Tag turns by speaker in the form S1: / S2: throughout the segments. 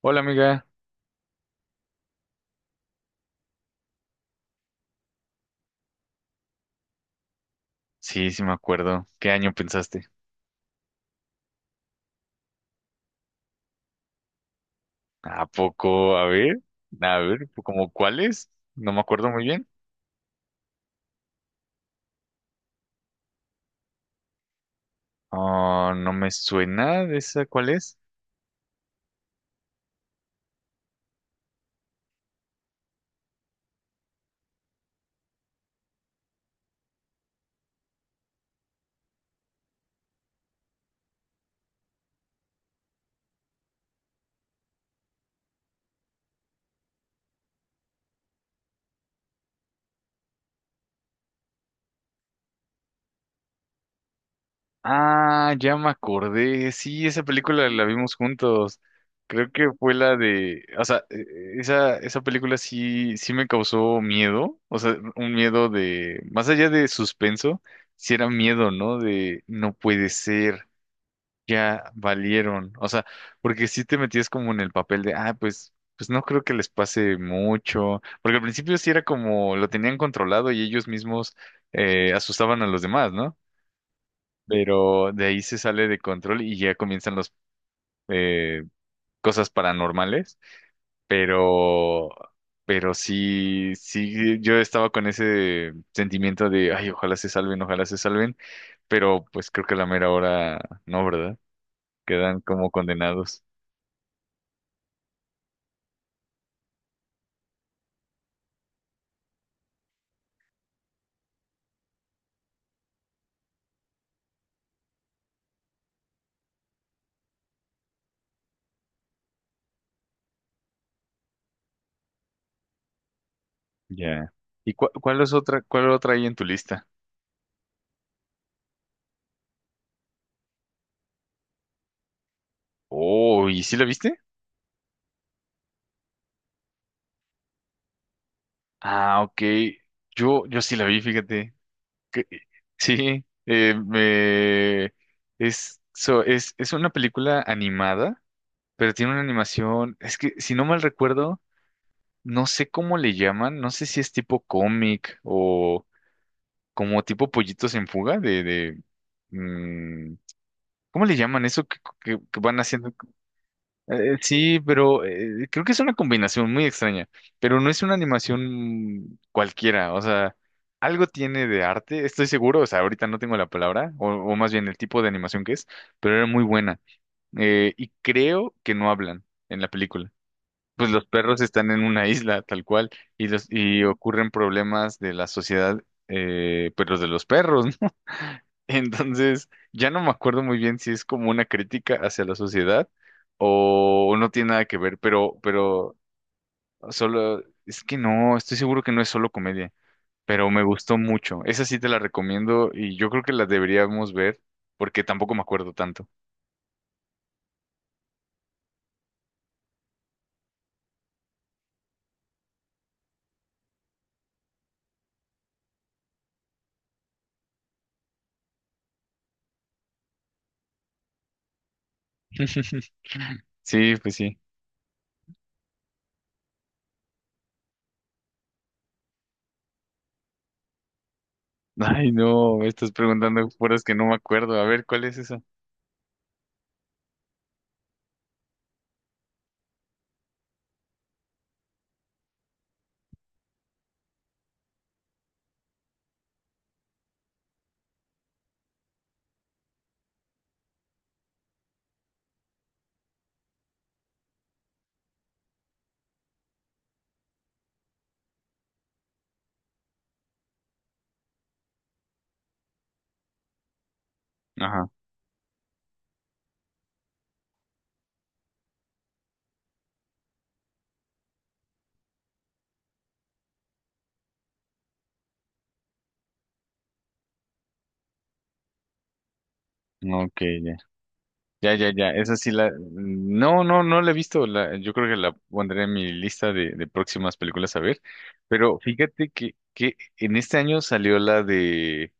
S1: Hola amiga, sí, sí me acuerdo. ¿Qué año pensaste? ¿A poco? A ver, ¿como cuál es? No me acuerdo muy bien. Oh, no me suena de esa cuál es. Ah, ya me acordé. Sí, esa película la vimos juntos. Creo que fue la de, o sea, esa película sí, sí me causó miedo, o sea, un miedo de más allá de suspenso, sí era miedo, ¿no? De no puede ser. Ya valieron. O sea, porque si te metías como en el papel de, ah, pues, pues no creo que les pase mucho. Porque al principio sí era como lo tenían controlado y ellos mismos asustaban a los demás, ¿no? Pero de ahí se sale de control y ya comienzan las cosas paranormales. Pero, pero sí, sí, yo estaba con ese sentimiento de, ay, ojalá se salven, ojalá se salven. Pero pues creo que a la mera hora no, ¿verdad? Quedan como condenados. Ya. ¿Y cuál, cuál es otra, cuál otra hay en tu lista? Oh, ¿y sí la viste? Ah, ok. Yo sí la vi, fíjate. Que- sí, me es una película animada, pero tiene una animación. Es que si no mal recuerdo, no sé cómo le llaman, no sé si es tipo cómic o como tipo pollitos en fuga de, mm, ¿cómo le llaman eso que, que van haciendo? Sí, pero creo que es una combinación muy extraña, pero no es una animación cualquiera, o sea, algo tiene de arte, estoy seguro, o sea, ahorita no tengo la palabra, o más bien el tipo de animación que es, pero era muy buena. Y creo que no hablan en la película. Pues los perros están en una isla, tal cual, y los, y ocurren problemas de la sociedad, pero de los perros, ¿no? Entonces, ya no me acuerdo muy bien si es como una crítica hacia la sociedad o no tiene nada que ver, pero solo, es que no, estoy seguro que no es solo comedia, pero me gustó mucho. Esa sí te la recomiendo y yo creo que la deberíamos ver porque tampoco me acuerdo tanto. Sí, pues sí. Ay, no, me estás preguntando puras que no me acuerdo. A ver, ¿cuál es esa? Ajá, ok, ya. Ya, ya, ya. Esa sí la. No, no, no la he visto. La... Yo creo que la pondré en mi lista de próximas películas a ver. Pero fíjate que en este año salió la de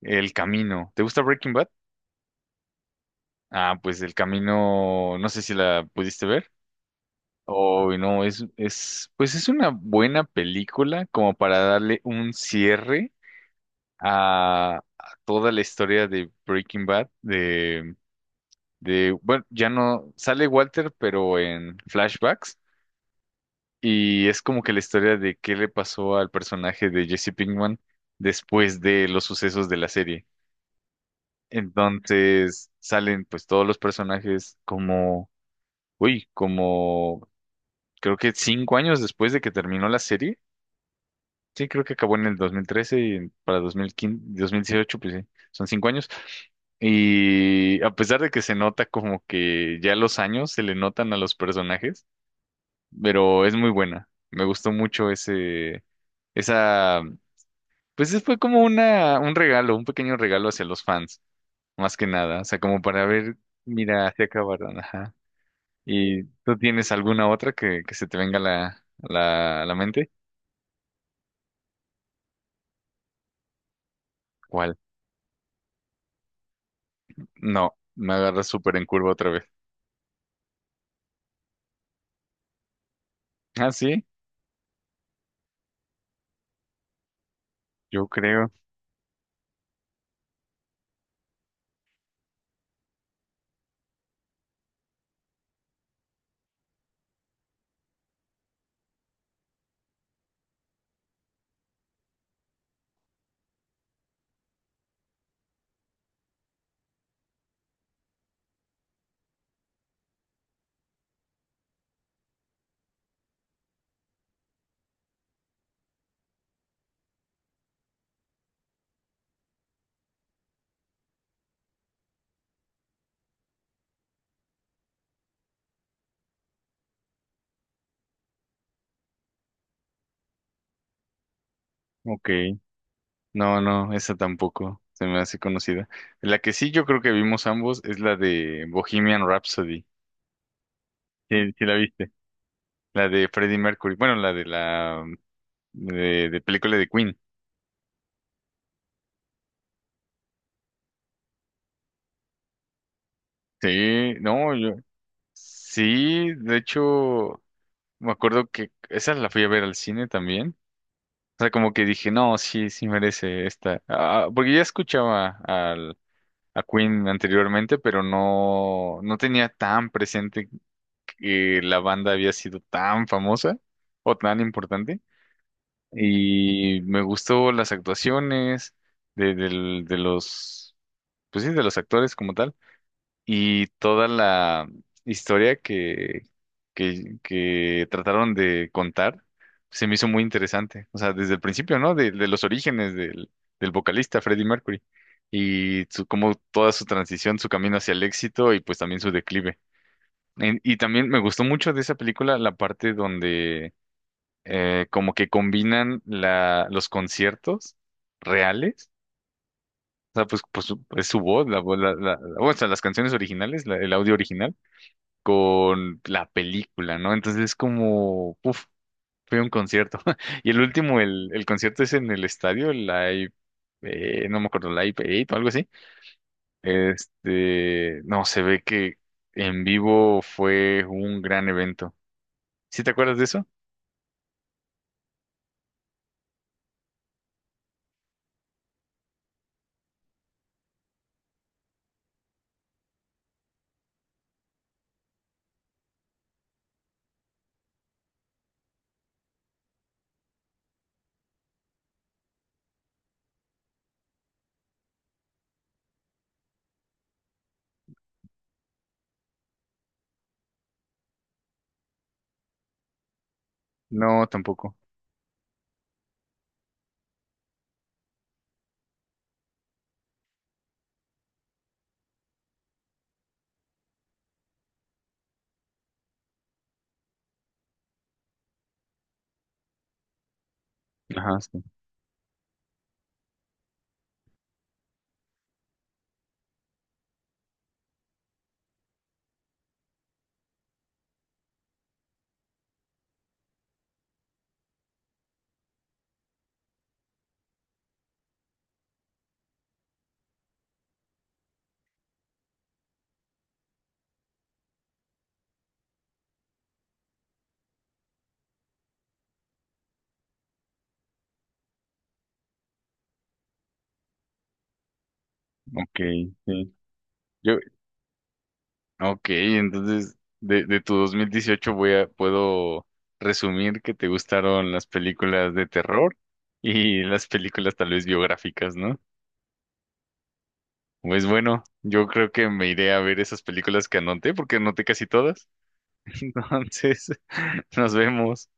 S1: El Camino. ¿Te gusta Breaking Bad? Ah, pues El Camino, no sé si la pudiste ver. Oh, no, es, pues es una buena película como para darle un cierre a toda la historia de Breaking Bad, de, bueno, ya no sale Walter, pero en flashbacks, y es como que la historia de qué le pasó al personaje de Jesse Pinkman después de los sucesos de la serie. Entonces salen pues todos los personajes como, uy, como creo que 5 años después de que terminó la serie. Sí, creo que acabó en el 2013 y para 2015, 2018 pues sí, son 5 años. Y a pesar de que se nota como que ya los años se le notan a los personajes, pero es muy buena. Me gustó mucho ese, esa, pues fue como una, un regalo, un pequeño regalo hacia los fans, más que nada, o sea, como para ver, mira, así acabaron, ajá. ¿Y tú tienes alguna otra que se te venga a la, a la, a la mente? ¿Cuál? No, me agarras súper en curva otra vez. Ah, sí, yo creo, ok. No, no, esa tampoco se me hace conocida. La que sí yo creo que vimos ambos es la de Bohemian Rhapsody. Sí, sí la viste. La de Freddie Mercury. Bueno, la de película de Queen. Sí, no, yo sí, de hecho, me acuerdo que esa la fui a ver al cine también. O sea, como que dije, no, sí, sí merece esta. Ah, porque ya escuchaba al, a Queen anteriormente, pero no, no tenía tan presente que la banda había sido tan famosa o tan importante. Y me gustó las actuaciones de, de los pues sí, de los actores como tal, y toda la historia que trataron de contar se me hizo muy interesante. O sea, desde el principio, ¿no? De los orígenes del, del vocalista Freddie Mercury y su, como toda su transición, su camino hacia el éxito y pues también su declive. Y también me gustó mucho de esa película la parte donde como que combinan la, los conciertos reales, o sea, pues, pues es su voz, la, o sea, las canciones originales, el audio original, con la película, ¿no? Entonces es como, uff, fue un concierto. Y el último, el concierto es en el estadio, el Live, no me acuerdo, Live 8 o algo así. Este, no, se ve que en vivo fue un gran evento. ¿Sí te acuerdas de eso? No, tampoco. Ajá, sí. Ok, sí. Yo, ok, entonces de tu 2018 voy a, puedo resumir que te gustaron las películas de terror y las películas tal vez biográficas, ¿no? Pues bueno, yo creo que me iré a ver esas películas que anoté, porque anoté casi todas. Entonces, nos vemos.